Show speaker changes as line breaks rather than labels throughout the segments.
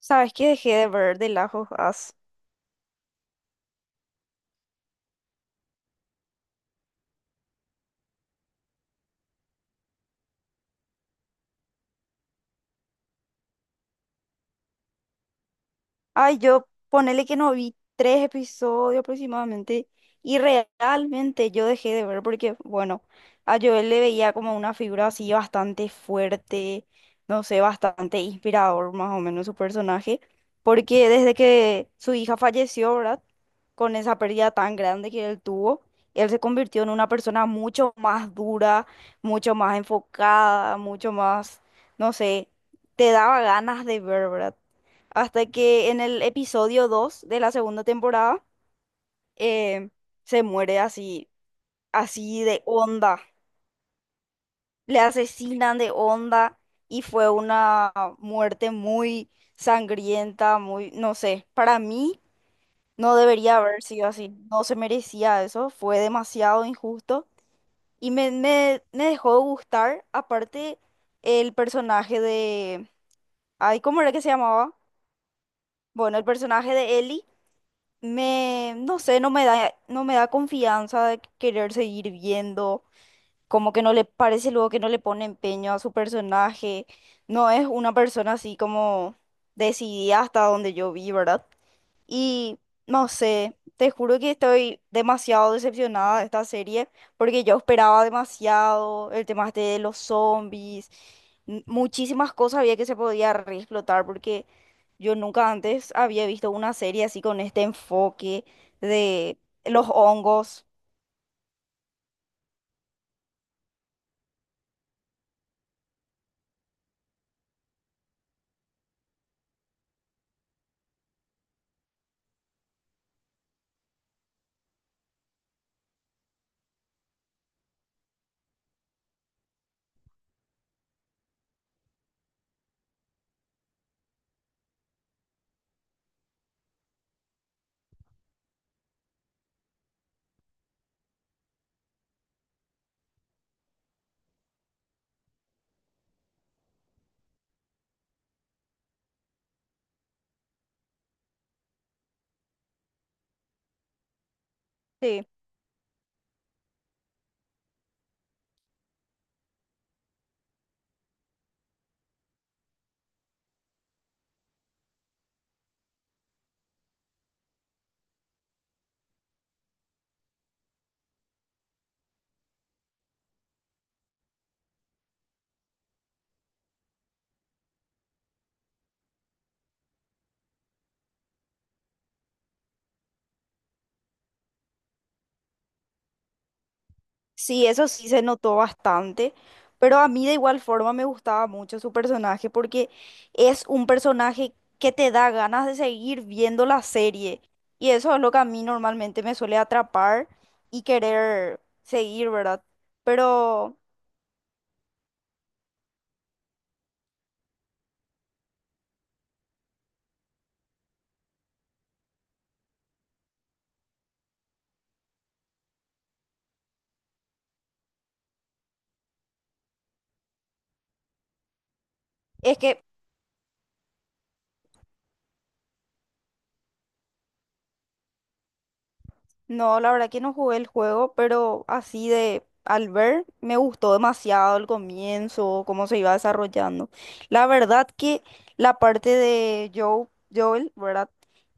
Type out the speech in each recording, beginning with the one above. ¿Sabes que dejé de ver The Last of Us? Ay, yo ponele que no vi tres episodios aproximadamente y realmente yo dejé de ver porque, bueno, a Joel le veía como una figura así bastante fuerte, no sé, bastante inspirador más o menos su personaje, porque desde que su hija falleció, ¿verdad? Con esa pérdida tan grande que él tuvo, él se convirtió en una persona mucho más dura, mucho más enfocada, mucho más, no sé, te daba ganas de ver, ¿verdad? Hasta que en el episodio 2 de la segunda temporada eh, se muere así, así de onda. Le asesinan de onda y fue una muerte muy sangrienta, muy, no sé, para mí no debería haber sido así, no se merecía eso, fue demasiado injusto y me dejó de gustar, aparte el personaje de, ay, ¿cómo era que se llamaba? Bueno, el personaje de Ellie. Me, no sé, no me da confianza de querer seguir viendo, como que no le parece luego que no le pone empeño a su personaje, no es una persona así como decidida hasta donde yo vi, ¿verdad? Y no sé, te juro que estoy demasiado decepcionada de esta serie porque yo esperaba demasiado el tema este de los zombies, muchísimas cosas había que se podía reexplotar porque yo nunca antes había visto una serie así con este enfoque de los hongos. Sí. Sí, eso sí se notó bastante, pero a mí de igual forma me gustaba mucho su personaje porque es un personaje que te da ganas de seguir viendo la serie y eso es lo que a mí normalmente me suele atrapar y querer seguir, ¿verdad? Pero es que no, la verdad que no jugué el juego, pero así de al ver me gustó demasiado el comienzo, cómo se iba desarrollando. La verdad que la parte de Joel, ¿verdad?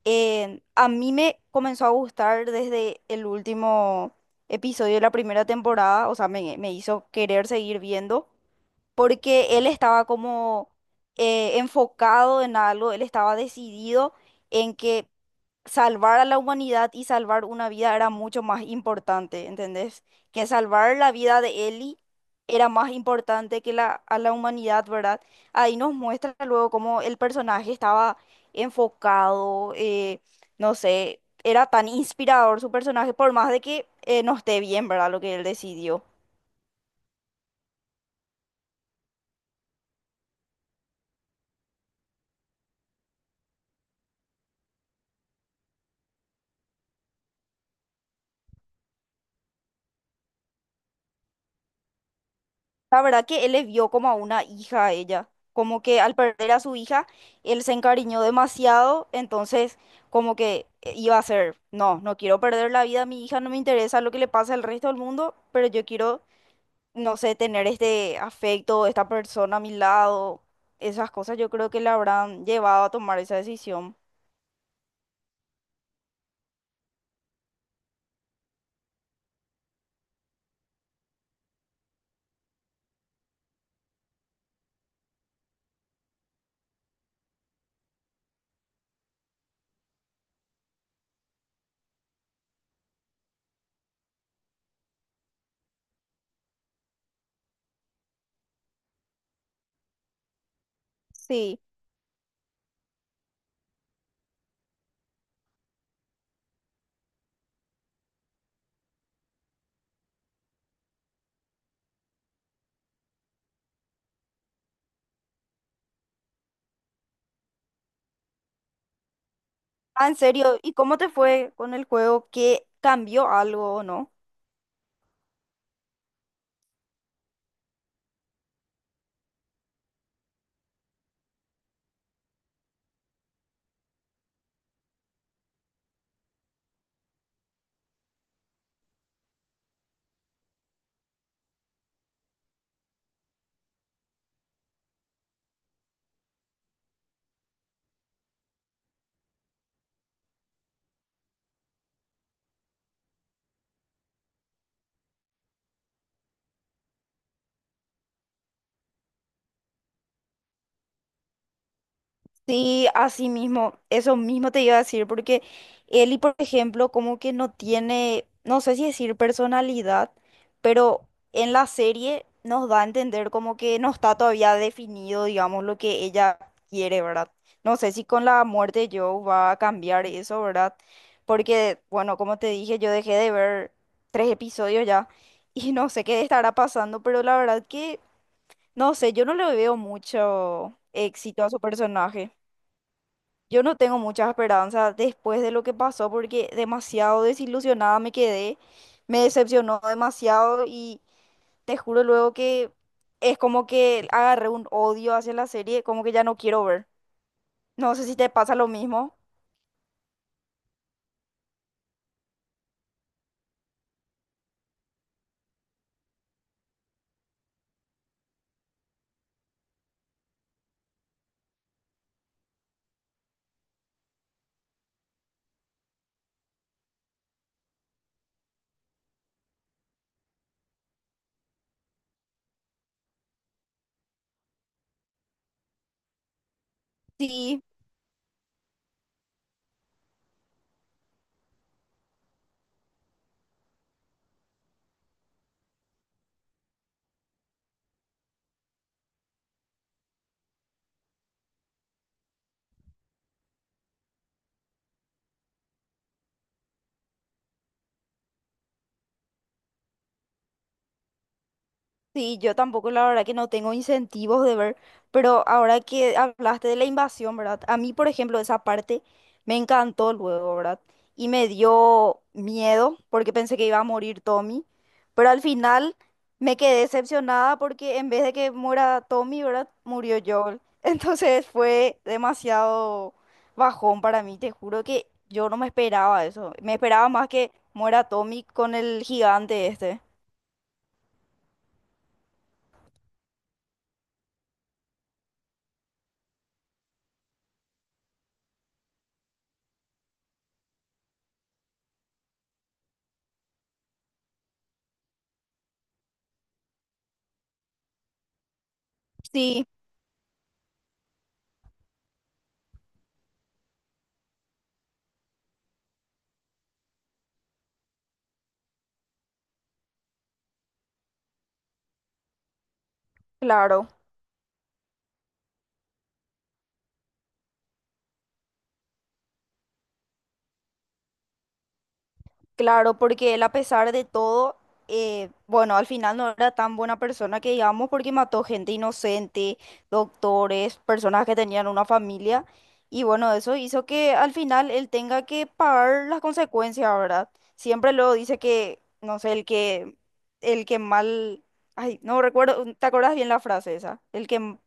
A mí me comenzó a gustar desde el último episodio de la primera temporada, o sea, me hizo querer seguir viendo porque él estaba como enfocado en algo, él estaba decidido en que salvar a la humanidad y salvar una vida era mucho más importante, ¿entendés? Que salvar la vida de Ellie era más importante que la, a la humanidad, ¿verdad? Ahí nos muestra luego cómo el personaje estaba enfocado, no sé, era tan inspirador su personaje, por más de que no esté bien, ¿verdad? Lo que él decidió. La verdad que él le vio como a una hija a ella, como que al perder a su hija, él se encariñó demasiado, entonces como que iba a ser, no, no quiero perder la vida a mi hija, no me interesa lo que le pasa al resto del mundo, pero yo quiero, no sé, tener este afecto, esta persona a mi lado, esas cosas yo creo que le habrán llevado a tomar esa decisión. Sí. Ah, en serio, ¿y cómo te fue con el juego? ¿Qué cambió algo o no? Sí, así mismo, eso mismo te iba a decir, porque Eli, por ejemplo, como que no tiene, no sé si decir personalidad, pero en la serie nos da a entender como que no está todavía definido, digamos, lo que ella quiere, ¿verdad? No sé si con la muerte de Joe va a cambiar eso, ¿verdad? Porque, bueno, como te dije, yo dejé de ver tres episodios ya y no sé qué estará pasando, pero la verdad que, no sé, yo no le veo mucho éxito a su personaje. Yo no tengo muchas esperanzas después de lo que pasó porque demasiado desilusionada me quedé, me decepcionó demasiado y te juro luego que es como que agarré un odio hacia la serie, como que ya no quiero ver. No sé si te pasa lo mismo. Sí. Sí, yo tampoco, la verdad que no tengo incentivos de ver, pero ahora que hablaste de la invasión, ¿verdad? A mí, por ejemplo, esa parte me encantó luego, ¿verdad? Y me dio miedo porque pensé que iba a morir Tommy, pero al final me quedé decepcionada porque en vez de que muera Tommy, ¿verdad? Murió Joel. Entonces fue demasiado bajón para mí, te juro que yo no me esperaba eso. Me esperaba más que muera Tommy con el gigante este. Sí, claro. Claro, porque él a pesar de todo, bueno, al final no era tan buena persona que digamos porque mató gente inocente, doctores, personas que tenían una familia. Y bueno, eso hizo que al final él tenga que pagar las consecuencias, ¿verdad? Siempre luego dice que, no sé, el que mal, ay, no recuerdo, ¿te acuerdas bien la frase esa? El que...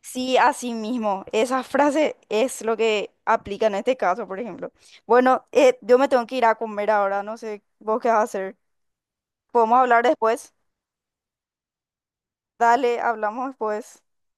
Sí, así mismo. Esa frase es lo que aplica en este caso, por ejemplo. Bueno, yo me tengo que ir a comer ahora, no sé vos qué vas a hacer. ¿Podemos hablar después? Dale, hablamos después.